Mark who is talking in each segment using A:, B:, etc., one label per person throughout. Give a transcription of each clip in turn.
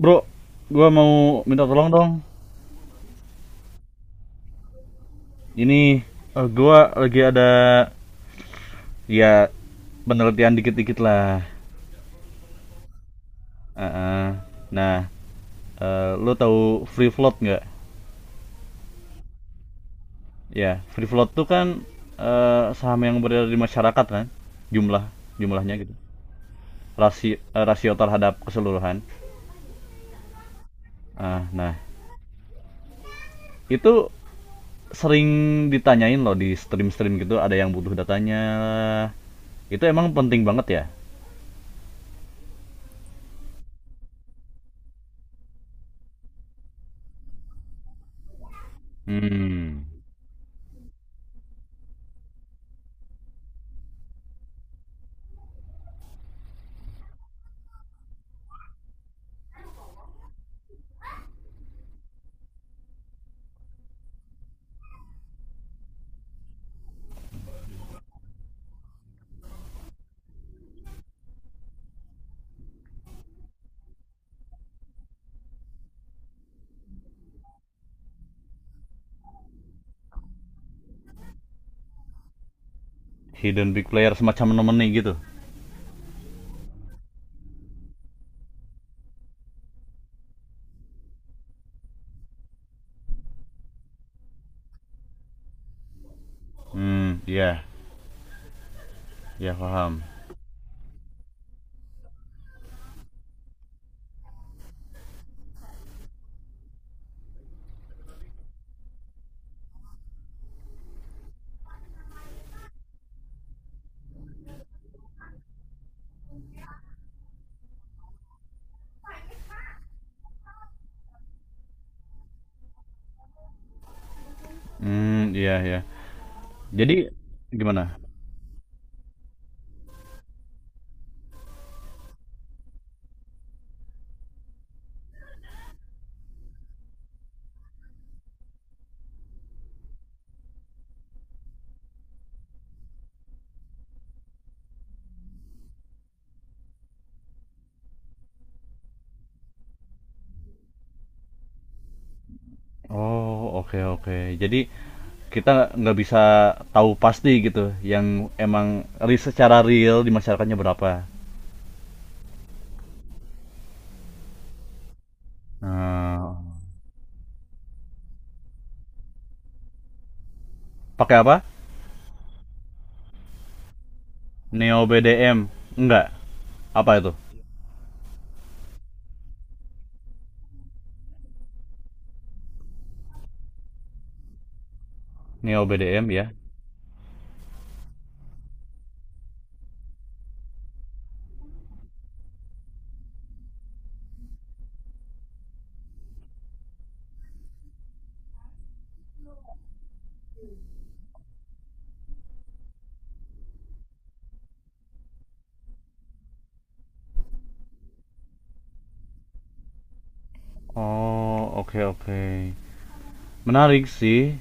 A: Bro, gua mau minta tolong dong. Ini gua lagi ada ya penelitian dikit-dikit lah. Heeh. Nah, lu tahu free float nggak? Ya, free float tuh kan saham yang beredar di masyarakat kan, jumlah jumlahnya gitu. Rasio terhadap keseluruhan. Nah, itu sering ditanyain loh di stream-stream gitu, ada yang butuh datanya. Itu emang penting banget ya? Hmm. Hidden big player semacam nomini gitu. Hmm, iya, ya paham. Hmm, iya ya. Jadi gimana? Oh, oke oke. Jadi kita nggak bisa tahu pasti gitu yang emang secara real di masyarakatnya berapa. Hmm, pakai apa? Neo BDM. Enggak. Apa itu? Neo BDM ya. Oh, oke oke. Menarik sih.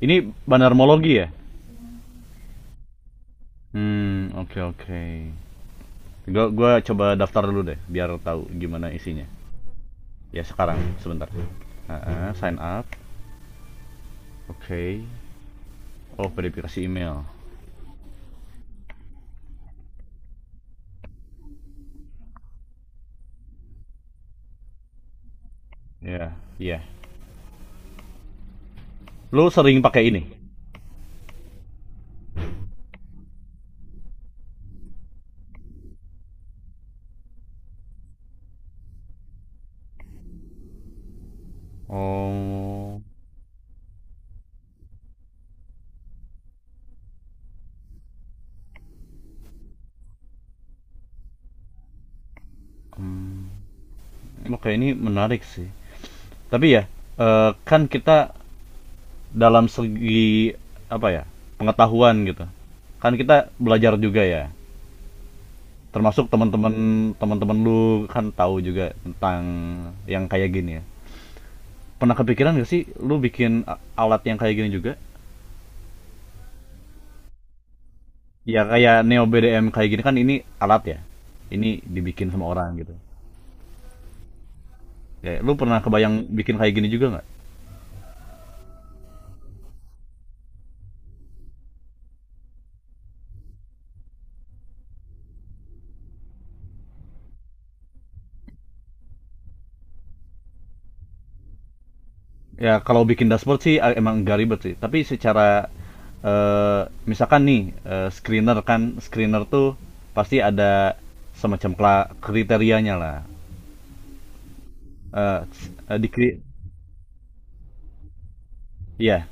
A: Ini banarmologi ya? Hmm, oke oke. Gua coba daftar dulu deh biar tahu gimana isinya. Ya sekarang sebentar. Sign up. Oke. Okay. Oh, verifikasi email. Ya, yeah. Iya. Yeah. Lo sering pakai ini? Oh. Oke, ini menarik sih. Tapi ya, kan kita dalam segi apa ya? Pengetahuan gitu. Kan kita belajar juga ya. Termasuk teman-teman lu kan tahu juga tentang yang kayak gini ya. Pernah kepikiran gak sih lu bikin alat yang kayak gini juga? Ya kayak Neo BDM kayak gini kan ini alat ya. Ini dibikin sama orang gitu. Ya, lu pernah kebayang bikin kayak gini juga nggak? Ya kalau bikin dashboard sih emang nggak ribet sih. Tapi secara eh, misalkan nih screener kan screener tuh pasti ada semacam kriterianya lah. Eh, eh, di kri- iya,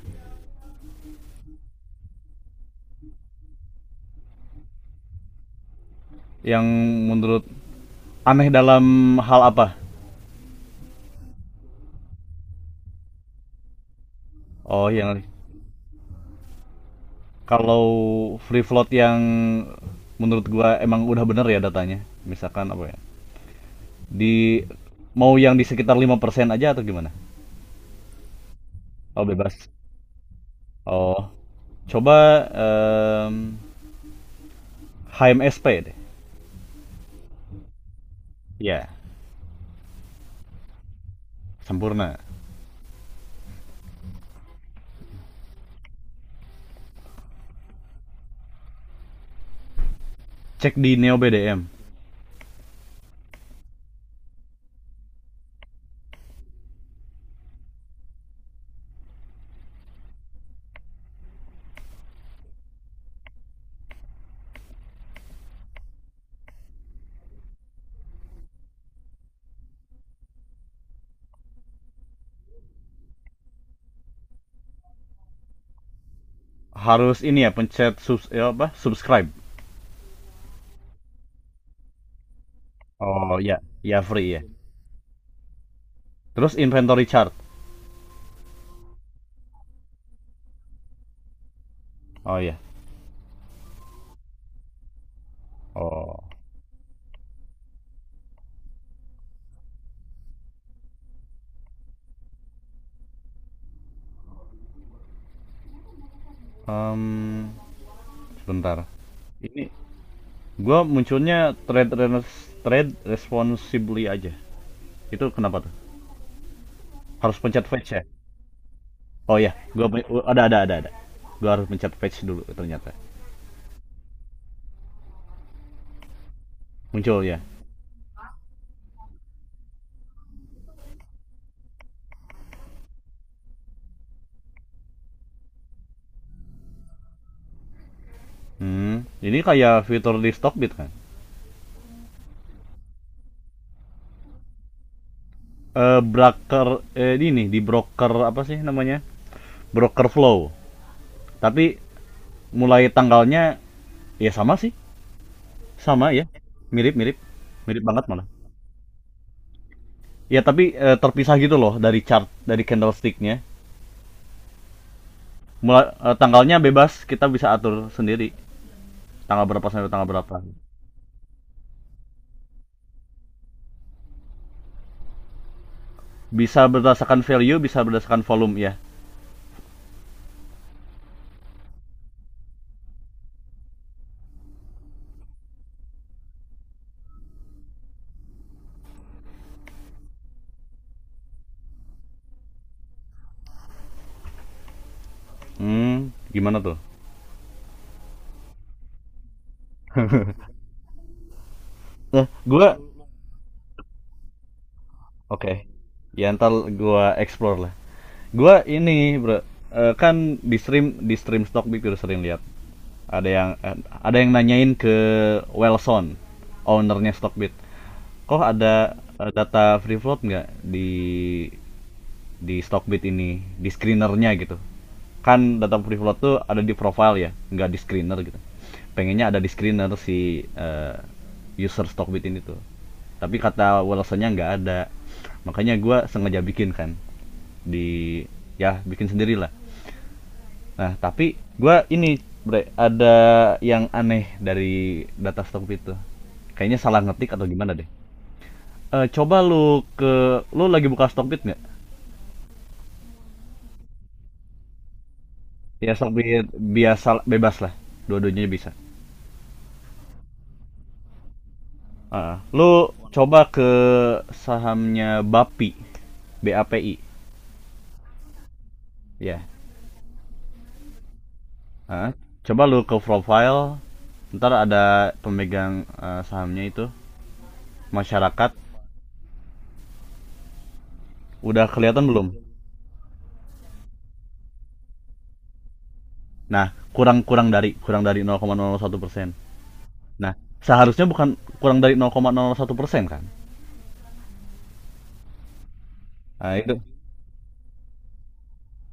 A: yang menurut aneh dalam hal apa? Oh, yang kalau free float yang menurut gua emang udah bener ya datanya, misalkan apa ya, di mau yang di sekitar 5% aja atau gimana. Oh, bebas. Oh, coba em, HMSP deh ya. Sempurna. Cek di Neo BDM. Harus ini ya, pencet subs ya apa subscribe. Oh ya, ya free ya. Terus inventory chart. Oh ya. Oh. Em, Sebentar ini. Gua munculnya trade responsibly aja. Itu kenapa tuh? Harus pencet fetch ya? Oh ya, gua ada ada. Gua harus pencet fetch dulu ternyata. Muncul ya. Hmm, ini kayak fitur di Stockbit kan? Eh broker eh ini di broker apa sih namanya? Broker flow. Tapi mulai tanggalnya ya sama sih. Sama ya. Mirip-mirip. Mirip banget malah. Ya tapi terpisah gitu loh dari chart dari candlesticknya. Mulai tanggalnya bebas, kita bisa atur sendiri tanggal berapa sampai tanggal berapa. Bisa berdasarkan value, bisa berdasarkan volume ya. Hmm, gimana tuh? Nah, gua oke. Okay. Ya ntar gua explore lah. Gua ini, Bro. Kan di stream stockbit udah sering lihat ada yang eh, ada yang nanyain ke Wellson, ownernya Stockbit, kok ada data free float nggak di Stockbit ini, di screenernya gitu. Kan data free float tuh ada di profile ya, nggak di screener gitu. Pengennya ada di screener si user Stockbit ini tuh. Tapi kata wallace nggak ada. Makanya gue sengaja bikin kan di ya bikin sendiri lah. Nah, tapi gue ini Bre, ada yang aneh dari data Stockbit tuh. Kayaknya salah ngetik atau gimana deh. Coba lu lagi buka Stockbit nggak? Ya sabit biasa bebas lah. Dua-duanya bisa. Lu coba ke sahamnya BAPI. BAPI. Ya. Ah, coba lu ke profile. Ntar ada pemegang sahamnya itu masyarakat. Udah kelihatan belum? Nah, kurang dari 0,01%. Nah, seharusnya bukan kurang dari 0,01% kan? Ah, itu.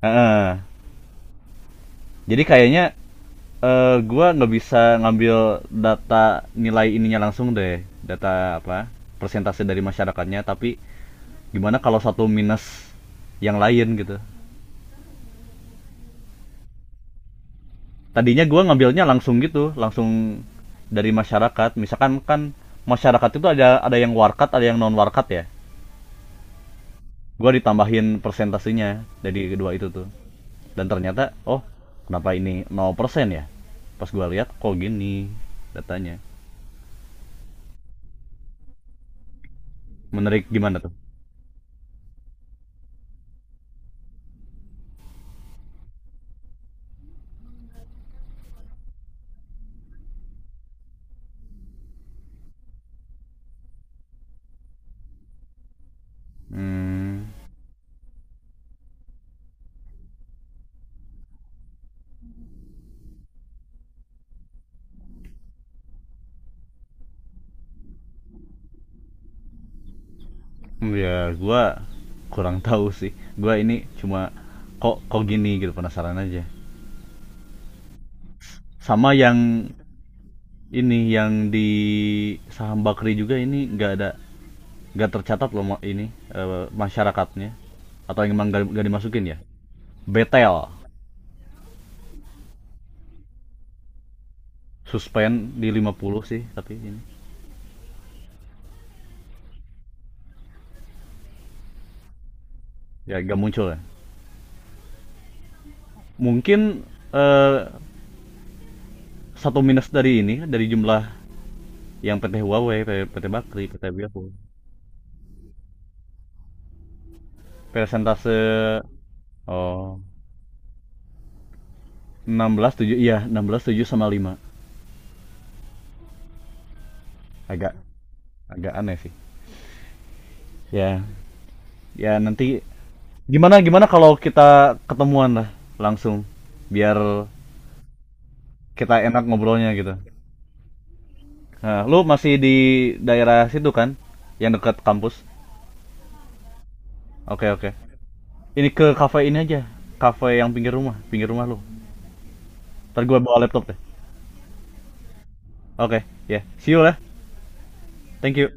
A: Ah, ah. Jadi kayaknya gua nggak bisa ngambil data nilai ininya langsung deh, data apa, persentase dari masyarakatnya. Tapi gimana kalau satu minus yang lain gitu. Tadinya gua ngambilnya langsung gitu, langsung dari masyarakat. Misalkan kan masyarakat itu ada yang warkat, ada yang non warkat ya, gua ditambahin persentasenya dari kedua itu tuh. Dan ternyata oh, kenapa ini 0% ya pas gua lihat. Kok gini datanya. Menarik gimana tuh? Hmm. Ya, gua kurang tahu sih. Gua ini cuma kok kok gini gitu, penasaran aja. Sama yang ini yang di saham bakri juga ini nggak ada, nggak tercatat loh ini masyarakatnya, atau yang emang nggak dimasukin ya. Betel suspend di 50 sih tapi ini ya nggak muncul ya. Mungkin eh, satu minus dari ini, dari jumlah yang PT Huawei, PT Bakri, PT Biafo. Persentase oh 16 7, iya, 16,7 sama 5. Agak agak aneh sih. Ya, ya nanti gimana gimana kalau kita ketemuan lah langsung biar kita enak ngobrolnya gitu. Nah, lu masih di daerah situ kan? Yang dekat kampus. Oke, oke. Ini ke kafe ini aja. Kafe yang pinggir rumah lu. Ntar gue bawa laptop deh. Oke, ya. See you lah. Thank you.